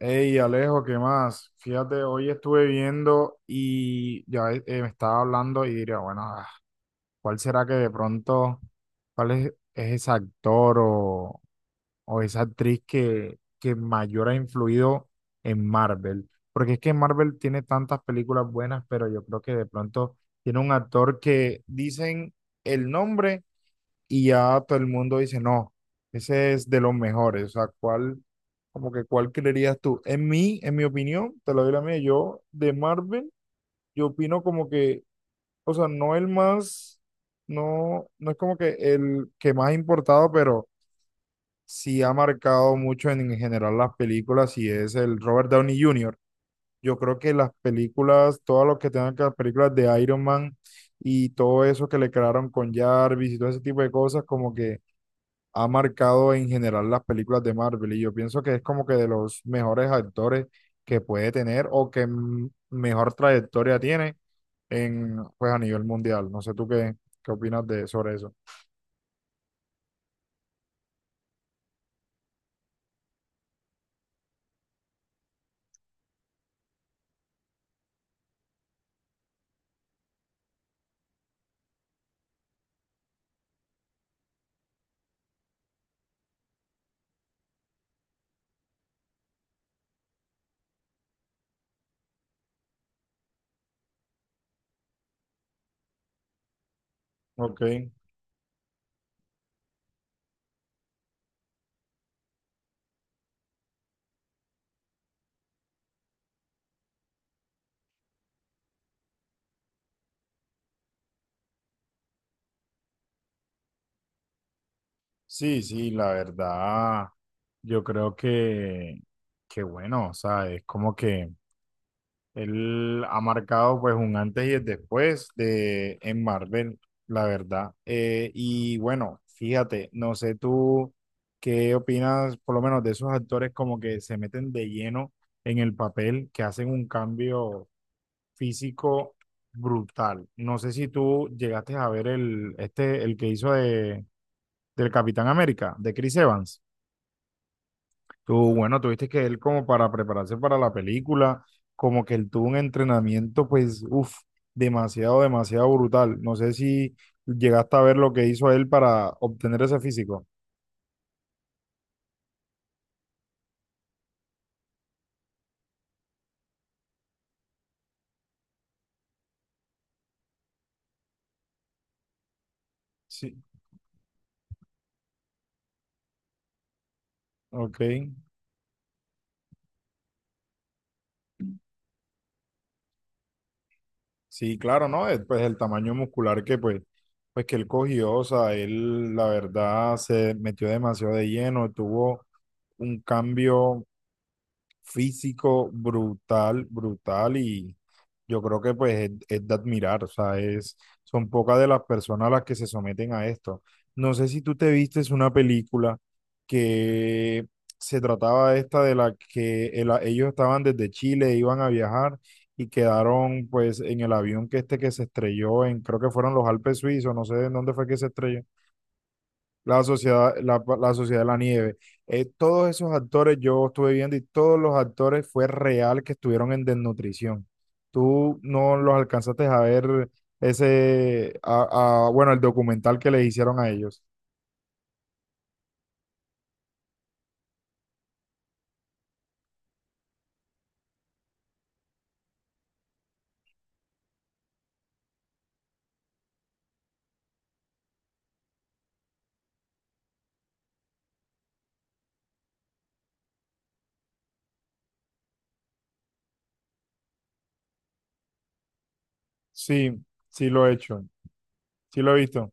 Hey Alejo, ¿qué más? Fíjate, hoy estuve viendo y ya me estaba hablando y diría, bueno, ¿cuál será que de pronto, cuál es ese actor o esa actriz que mayor ha influido en Marvel? Porque es que Marvel tiene tantas películas buenas, pero yo creo que de pronto tiene un actor que dicen el nombre y ya todo el mundo dice, no, ese es de los mejores. O sea, ¿cuál, como que cuál creerías tú? En mi opinión, te lo doy la mía, yo de Marvel, yo opino como que, o sea, no el más, no, no es como que el que más ha importado, pero sí ha marcado mucho en general las películas y es el Robert Downey Jr. Yo creo que las películas, todas los que tengan que las películas de Iron Man y todo eso que le crearon con Jarvis y todo ese tipo de cosas, como que ha marcado en general las películas de Marvel y yo pienso que es como que de los mejores actores que puede tener o que mejor trayectoria tiene en, pues a nivel mundial. No sé tú qué opinas de, sobre eso. Ok, sí, sí, la verdad, yo creo que bueno, o sea, es como que él ha marcado pues un antes y el después de en Marvel, la verdad. Y bueno, fíjate, no sé tú qué opinas, por lo menos de esos actores como que se meten de lleno en el papel, que hacen un cambio físico brutal. No sé si tú llegaste a ver el, este, el que hizo de, del Capitán América, de Chris Evans. Tú, bueno, tuviste que él como para prepararse para la película, como que él tuvo un entrenamiento, pues, demasiado, demasiado brutal. No sé si llegaste a ver lo que hizo él para obtener ese físico. Sí, ok. Sí, claro, ¿no? Pues el tamaño muscular que, pues, pues que él cogió, o sea, él, la verdad, se metió demasiado de lleno, tuvo un cambio físico brutal, brutal y yo creo que pues es de admirar, o sea, es, son pocas de las personas las que se someten a esto. No sé si tú te vistes una película que se trataba esta de la que el- ellos estaban desde Chile, iban a viajar y quedaron pues en el avión que este que se estrelló en, creo que fueron los Alpes suizos, no sé en dónde fue que se estrelló la sociedad, la sociedad de la nieve. Todos esos actores yo estuve viendo y todos los actores fue real que estuvieron en desnutrición. Tú no los alcanzaste a ver ese, a- bueno, el documental que les hicieron a ellos. Sí, sí lo he hecho, sí lo he visto.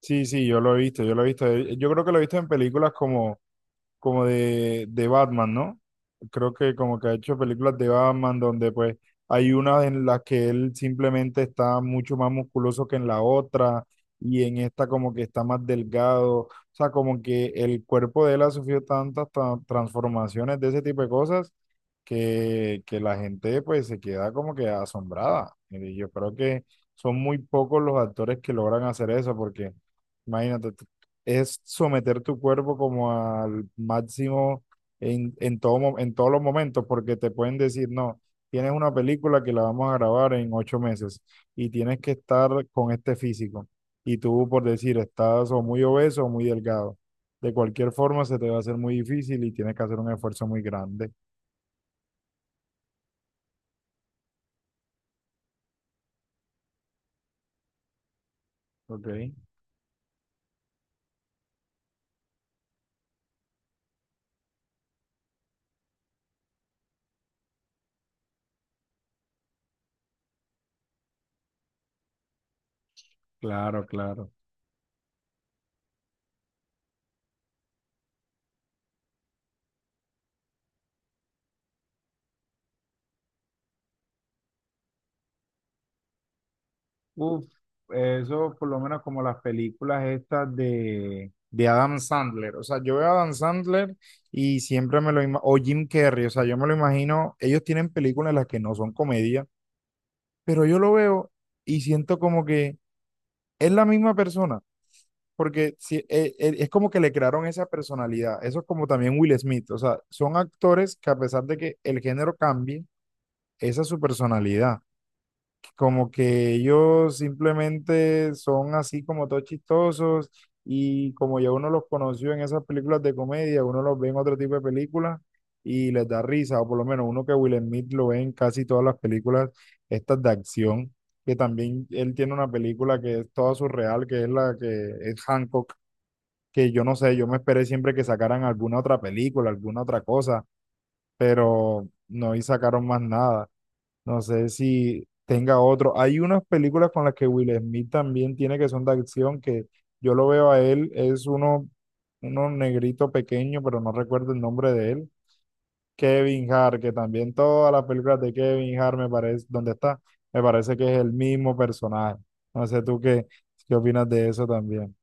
Sí, sí, yo lo he visto, yo lo he visto. Yo creo que lo he visto en películas como como de Batman, ¿no? Creo que como que ha hecho películas de Batman donde pues hay una en la que él simplemente está mucho más musculoso que en la otra y en esta como que está más delgado, o sea, como que el cuerpo de él ha sufrido tantas tra- transformaciones de ese tipo de cosas que la gente pues se queda como que asombrada. Y yo creo que son muy pocos los actores que logran hacer eso porque... Imagínate, es someter tu cuerpo como al máximo en todo, mo- en todos los momentos, porque te pueden decir, no, tienes una película que la vamos a grabar en 8 meses y tienes que estar con este físico. Y tú, por decir, estás o muy obeso o muy delgado. De cualquier forma, se te va a hacer muy difícil y tienes que hacer un esfuerzo muy grande. Ok, claro, claro. Uf, eso por lo menos como las películas estas de Adam Sandler. O sea, yo veo a Adam Sandler y siempre me lo imagino, o Jim Carrey, o sea, yo me lo imagino, ellos tienen películas en las que no son comedia, pero yo lo veo y siento como que es la misma persona, porque si- es como que le crearon esa personalidad. Eso es como también Will Smith, o sea, son actores que a pesar de que el género cambie, esa es su personalidad. Como que ellos simplemente son así como todos chistosos y como ya uno los conoció en esas películas de comedia, uno los ve en otro tipo de películas y les da risa, o por lo menos uno que Will Smith lo ve en casi todas las películas estas de acción, que también él tiene una película que es toda surreal, que es la que es Hancock, que yo no sé, yo me esperé siempre que sacaran alguna otra película, alguna otra cosa, pero no y sacaron más nada. No sé si tenga otro. Hay unas películas con las que Will Smith también tiene que son de acción, que yo lo veo a él, es uno, negrito pequeño, pero no recuerdo el nombre de él. Kevin Hart, que también todas las películas de Kevin Hart me parece, ¿dónde está? Me parece que es el mismo personaje. No sé tú qué opinas de eso también.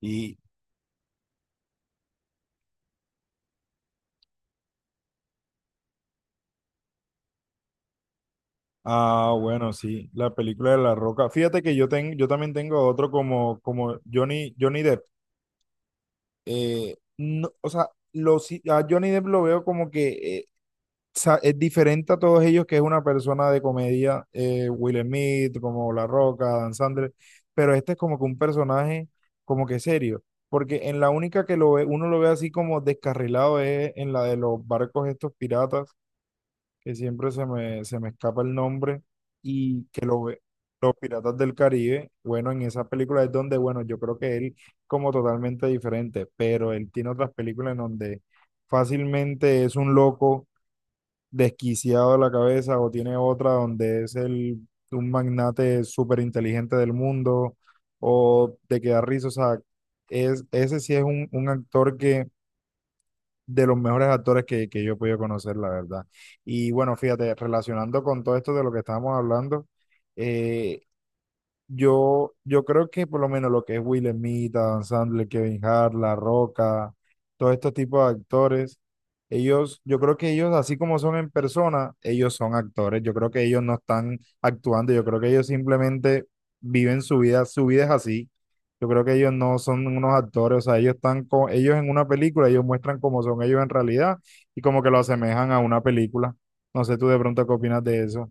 Y, ah, bueno, sí, la película de La Roca. Fíjate que yo, tengo yo también tengo otro como, como Johnny, Johnny Depp. No, o sea, los, a Johnny Depp lo veo como que eh, sa- es diferente a todos ellos, que es una persona de comedia, Will Smith, como La Roca, Dan Sandler, pero este es como que un personaje como que serio, porque en la única que lo ve, uno lo ve así como descarrilado es en la de los barcos estos piratas, que siempre se me escapa el nombre, y que lo ve, Los Piratas del Caribe, bueno, en esa película es donde, bueno, yo creo que él como totalmente diferente, pero él tiene otras películas en donde fácilmente es un loco desquiciado de la cabeza o tiene otra donde es el, un magnate súper inteligente del mundo o de que da risa, o sea, es, ese sí es un actor que de los mejores actores que yo he podido conocer, la verdad. Y bueno, fíjate, relacionando con todo esto de lo que estábamos hablando, eh, yo creo que por lo menos lo que es Will Smith, Adam Sandler, Kevin Hart, La Roca, todos estos tipos de actores, ellos, yo creo que ellos, así como son en persona, ellos son actores. Yo creo que ellos no están actuando, yo creo que ellos simplemente viven su vida es así. Yo creo que ellos no son unos actores, o sea, ellos están con, ellos en una película, ellos muestran cómo son ellos en realidad y como que lo asemejan a una película. No sé tú de pronto qué opinas de eso.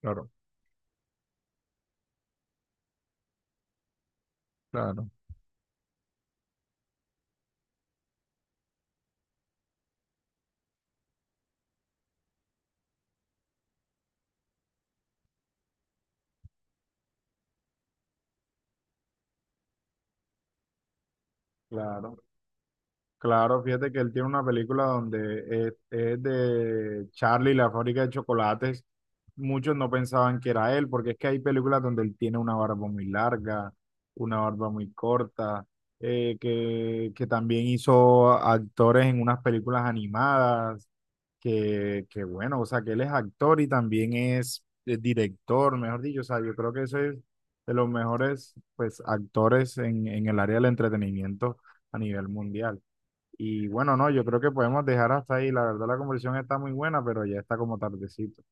Claro, claro. Claro. Claro, fíjate que él tiene una película donde es de Charlie, y la fábrica de chocolates. Muchos no pensaban que era él, porque es que hay películas donde él tiene una barba muy larga, una barba muy corta, que también hizo actores en unas películas animadas, que bueno, o sea, que él es actor y también es, director, mejor dicho, o sea, yo creo que ese es de los mejores pues, actores en el área del entretenimiento a nivel mundial. Y bueno, no, yo creo que podemos dejar hasta ahí. La verdad, la conversación está muy buena, pero ya está como tardecito.